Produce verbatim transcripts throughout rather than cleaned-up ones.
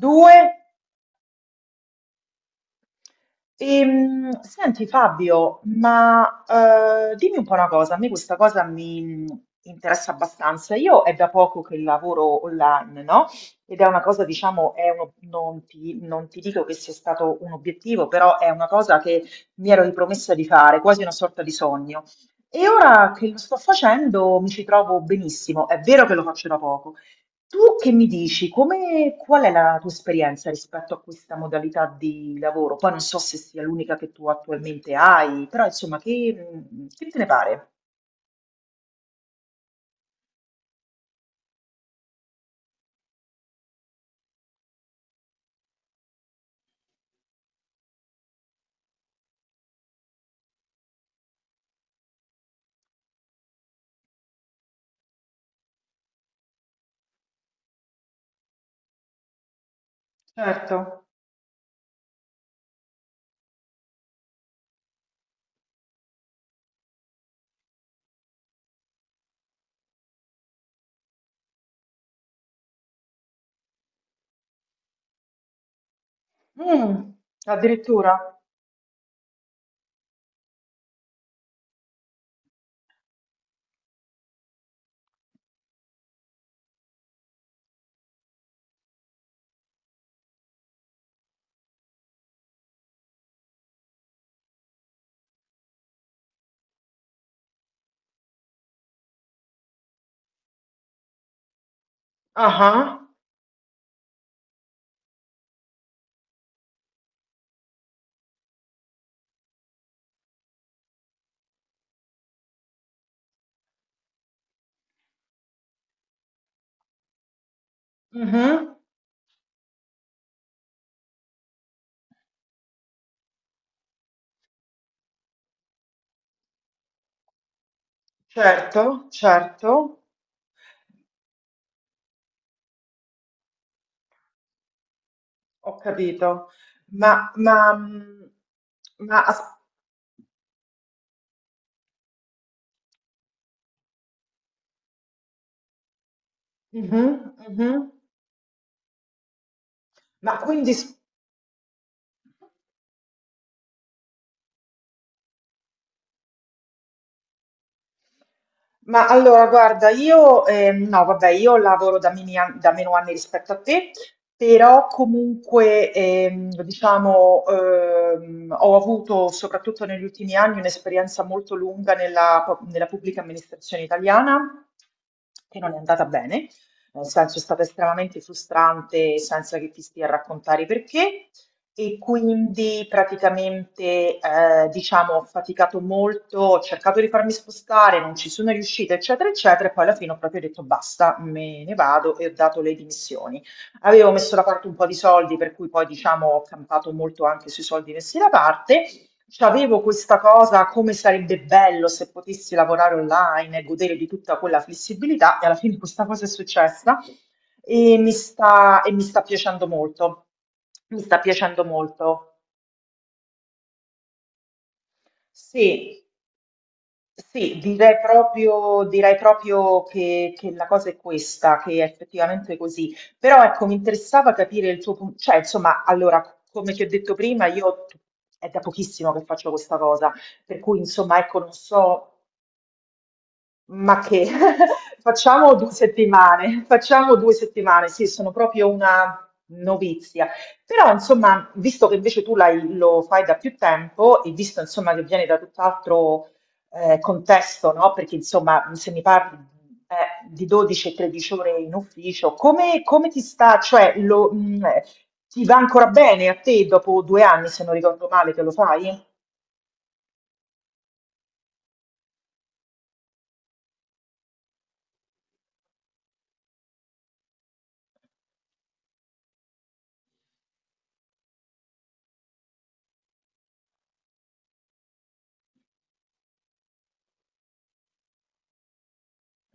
Due? Ehm, senti Fabio, ma eh, dimmi un po' una cosa. A me questa cosa mi mh, interessa abbastanza. Io è da poco che lavoro online, no? Ed è una cosa, diciamo, è uno- non ti, non ti dico che sia stato un obiettivo, però è una cosa che mi ero ripromessa di fare, quasi una sorta di sogno. E ora che lo sto facendo mi ci trovo benissimo. È vero che lo faccio da poco. Tu che mi dici? Come, qual è la tua esperienza rispetto a questa modalità di lavoro? Poi non so se sia l'unica che tu attualmente hai, però insomma, che, mm, che te ne pare? Certo. Mm. Addirittura. Ah. Mhm. Certo, certo. Ho capito. Ma, ma, mm, ma, as- mhm, mhm. Ma quindi Ma allora guarda, io ehm, no, vabbè, io lavoro da, mini an- da meno anni rispetto a te, però comunque ehm, diciamo, ehm, ho avuto soprattutto negli ultimi anni un'esperienza molto lunga nella, pu- nella pubblica amministrazione italiana, che non è andata bene, nel senso è stata estremamente frustrante senza che ti stia a raccontare i perché. E quindi praticamente, ehm, diciamo ho faticato molto, ho cercato di farmi spostare, non ci sono riuscita, eccetera, eccetera, e poi alla fine ho proprio detto basta, me ne vado e ho dato le dimissioni. Avevo messo da parte un po' di soldi, per cui poi diciamo ho campato molto anche sui soldi messi da parte. C'avevo questa cosa, come sarebbe bello se potessi lavorare online e godere di tutta quella flessibilità, e alla fine questa cosa è successa. E mi sta, e mi sta piacendo molto, mi sta piacendo molto. Sì, sì, direi proprio, direi proprio che, che la cosa è questa, che è effettivamente così. Però ecco, mi interessava capire il tuo punto, cioè insomma, allora, come ti ho detto prima, io è da pochissimo che faccio questa cosa, per cui insomma, ecco, non so. Ma che facciamo due settimane, facciamo due settimane, sì, sono proprio una novizia. Però insomma, visto che invece tu l'hai lo fai da più tempo e visto insomma che vieni da tutt'altro, ehm, contesto, no, perché insomma, se mi parli, eh, di dodici e tredici ore in ufficio, come come ti sta, cioè lo mhmm, ti va ancora bene a te dopo due anni, se non ricordo male, che lo fai?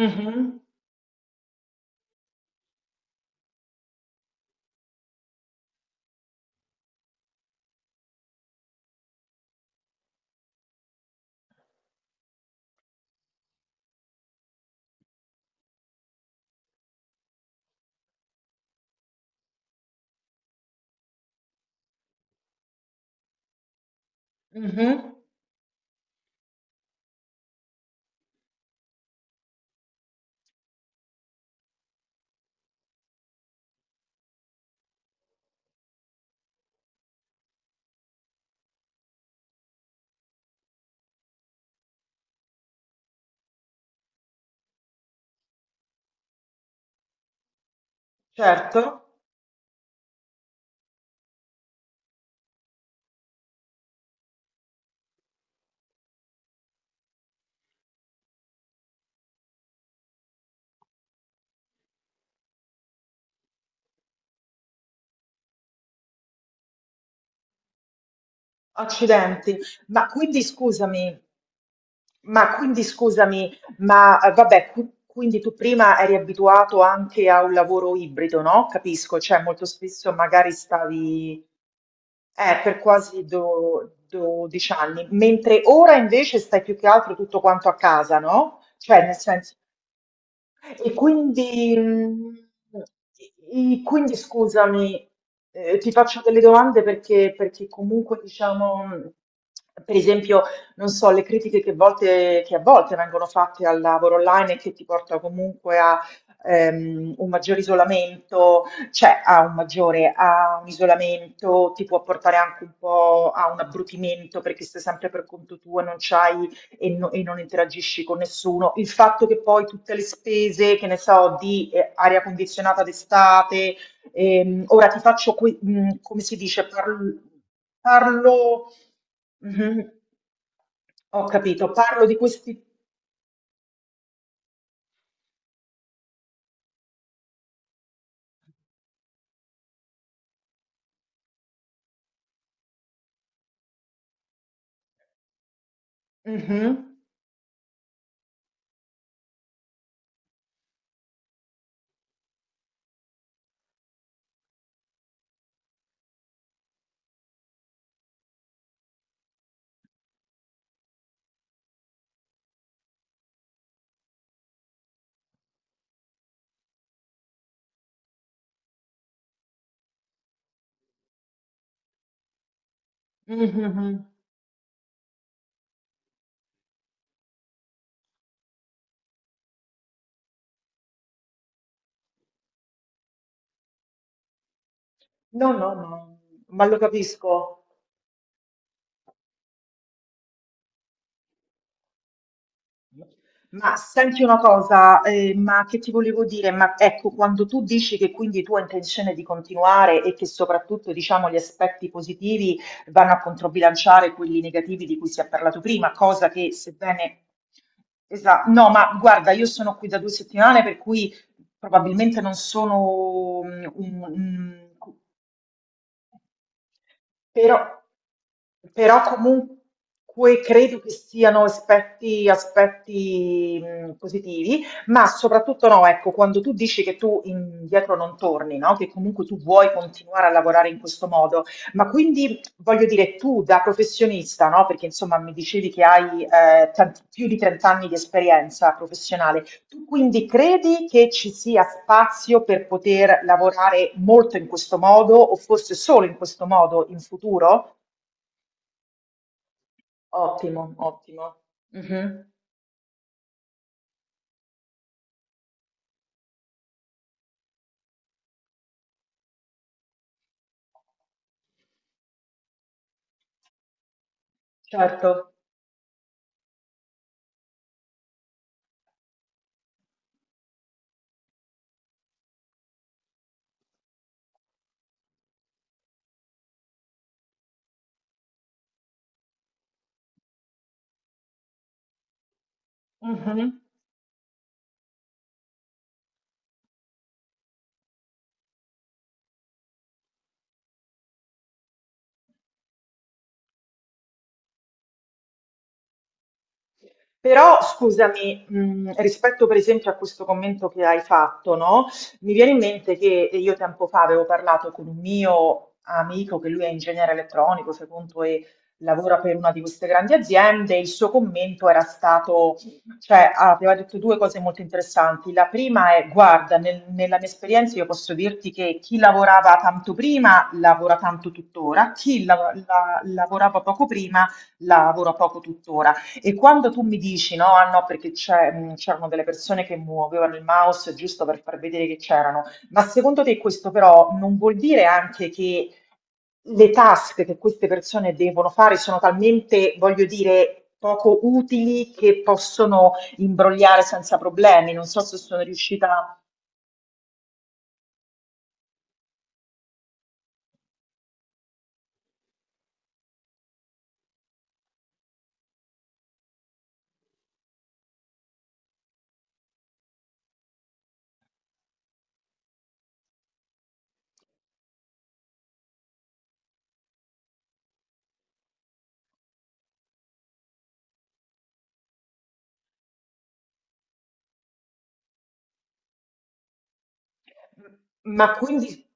Mh-mh, mh-mh, certo. Accidenti, ma quindi scusami, ma quindi scusami, ma eh, vabbè, qui- quindi tu prima eri abituato anche a un lavoro ibrido, no? Capisco, cioè molto spesso magari stavi eh, per quasi do- dodici anni, mentre ora invece stai più che altro tutto quanto a casa, no? Cioè, nel senso, e quindi, mm, i- quindi scusami, eh, ti faccio delle domande perché, perché comunque diciamo, mm, per esempio, non so, le critiche che, volte- che a volte vengono fatte al lavoro online e che ti porta comunque a ehm, un maggiore isolamento, cioè a un maggiore, a un isolamento, ti può portare anche un po' a un abbrutimento perché stai sempre per conto tuo e non c'hai e, no- e non interagisci con nessuno. Il fatto che poi tutte le spese, che ne so, di eh, aria condizionata d'estate, ehm, ora ti faccio, que- mh, come si dice, parlo, parlo Mhm. Ho capito, parlo di questi. Mhm, mhm, mhm. No, no, no, ma lo capisco. Ma senti una cosa, eh, ma che ti volevo dire? Ma ecco, quando tu dici che quindi tu hai intenzione di continuare e che soprattutto diciamo gli aspetti positivi vanno a controbilanciare quelli negativi di cui si è parlato prima, cosa che sebbene. Esatto, no, ma guarda, io sono qui da due settimane per cui probabilmente non sono mm, un, un- però, però comunque credo che siano aspetti, aspetti mh, positivi, ma soprattutto no, ecco, quando tu dici che tu indietro non torni, no? Che comunque tu vuoi continuare a lavorare in questo modo, ma quindi voglio dire tu da professionista, no? Perché insomma mi dicevi che hai eh, tanti- più di trenta anni di esperienza professionale, tu quindi credi che ci sia spazio per poter lavorare molto in questo modo o forse solo in questo modo in futuro? Ottimo, ottimo. Mhm, certo. Mhm. Però scusami, mh, rispetto per esempio a questo commento che hai fatto, no? Mi viene in mente che io tempo fa avevo parlato con un mio amico, che lui è ingegnere elettronico, secondo e lavora per una di queste grandi aziende, il suo commento era stato, cioè ah, aveva detto due cose molto interessanti. La prima è, guarda, nel- nella mia esperienza io posso dirti che chi lavorava tanto prima lavora tanto tuttora, chi la- la- lavorava poco prima lavora poco tuttora. E quando tu mi dici no, ah no, perché c'è- mh, c'erano delle persone che muovevano il mouse giusto per far vedere che c'erano, ma secondo te questo però non vuol dire anche che le task che queste persone devono fare sono talmente, voglio dire, poco utili che possono imbrogliare senza problemi? Non so se sono riuscita. Ma quindi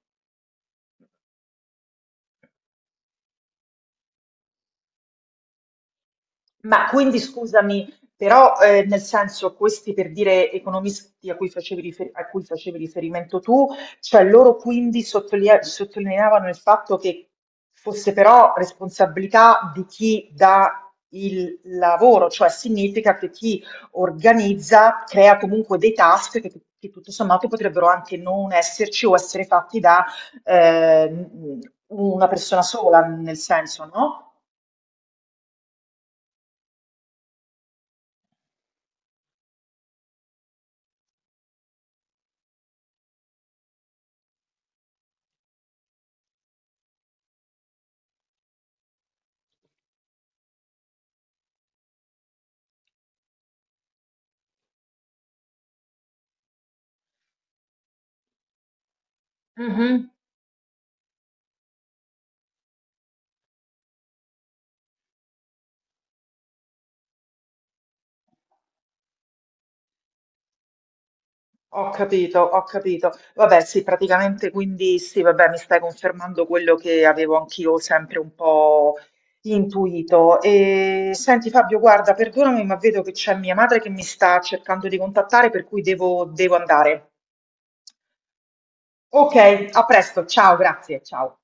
Ma quindi scusami, però eh, nel senso questi per dire economisti a cui facevi, rifer- a cui facevi riferimento tu, cioè loro quindi sottolinea- sottolineavano il fatto che fosse però responsabilità di chi dà il lavoro, cioè significa che chi organizza crea comunque dei task che, che tutto sommato potrebbero anche non esserci o essere fatti da eh, una persona sola, nel senso, no? Mhm. Ho capito, ho capito. Vabbè, sì, praticamente quindi sì, vabbè, mi stai confermando quello che avevo anch'io sempre un po' intuito. E senti Fabio, guarda, perdonami, ma vedo che c'è mia madre che mi sta cercando di contattare, per cui devo, devo andare. Ok, a presto, ciao, grazie, ciao.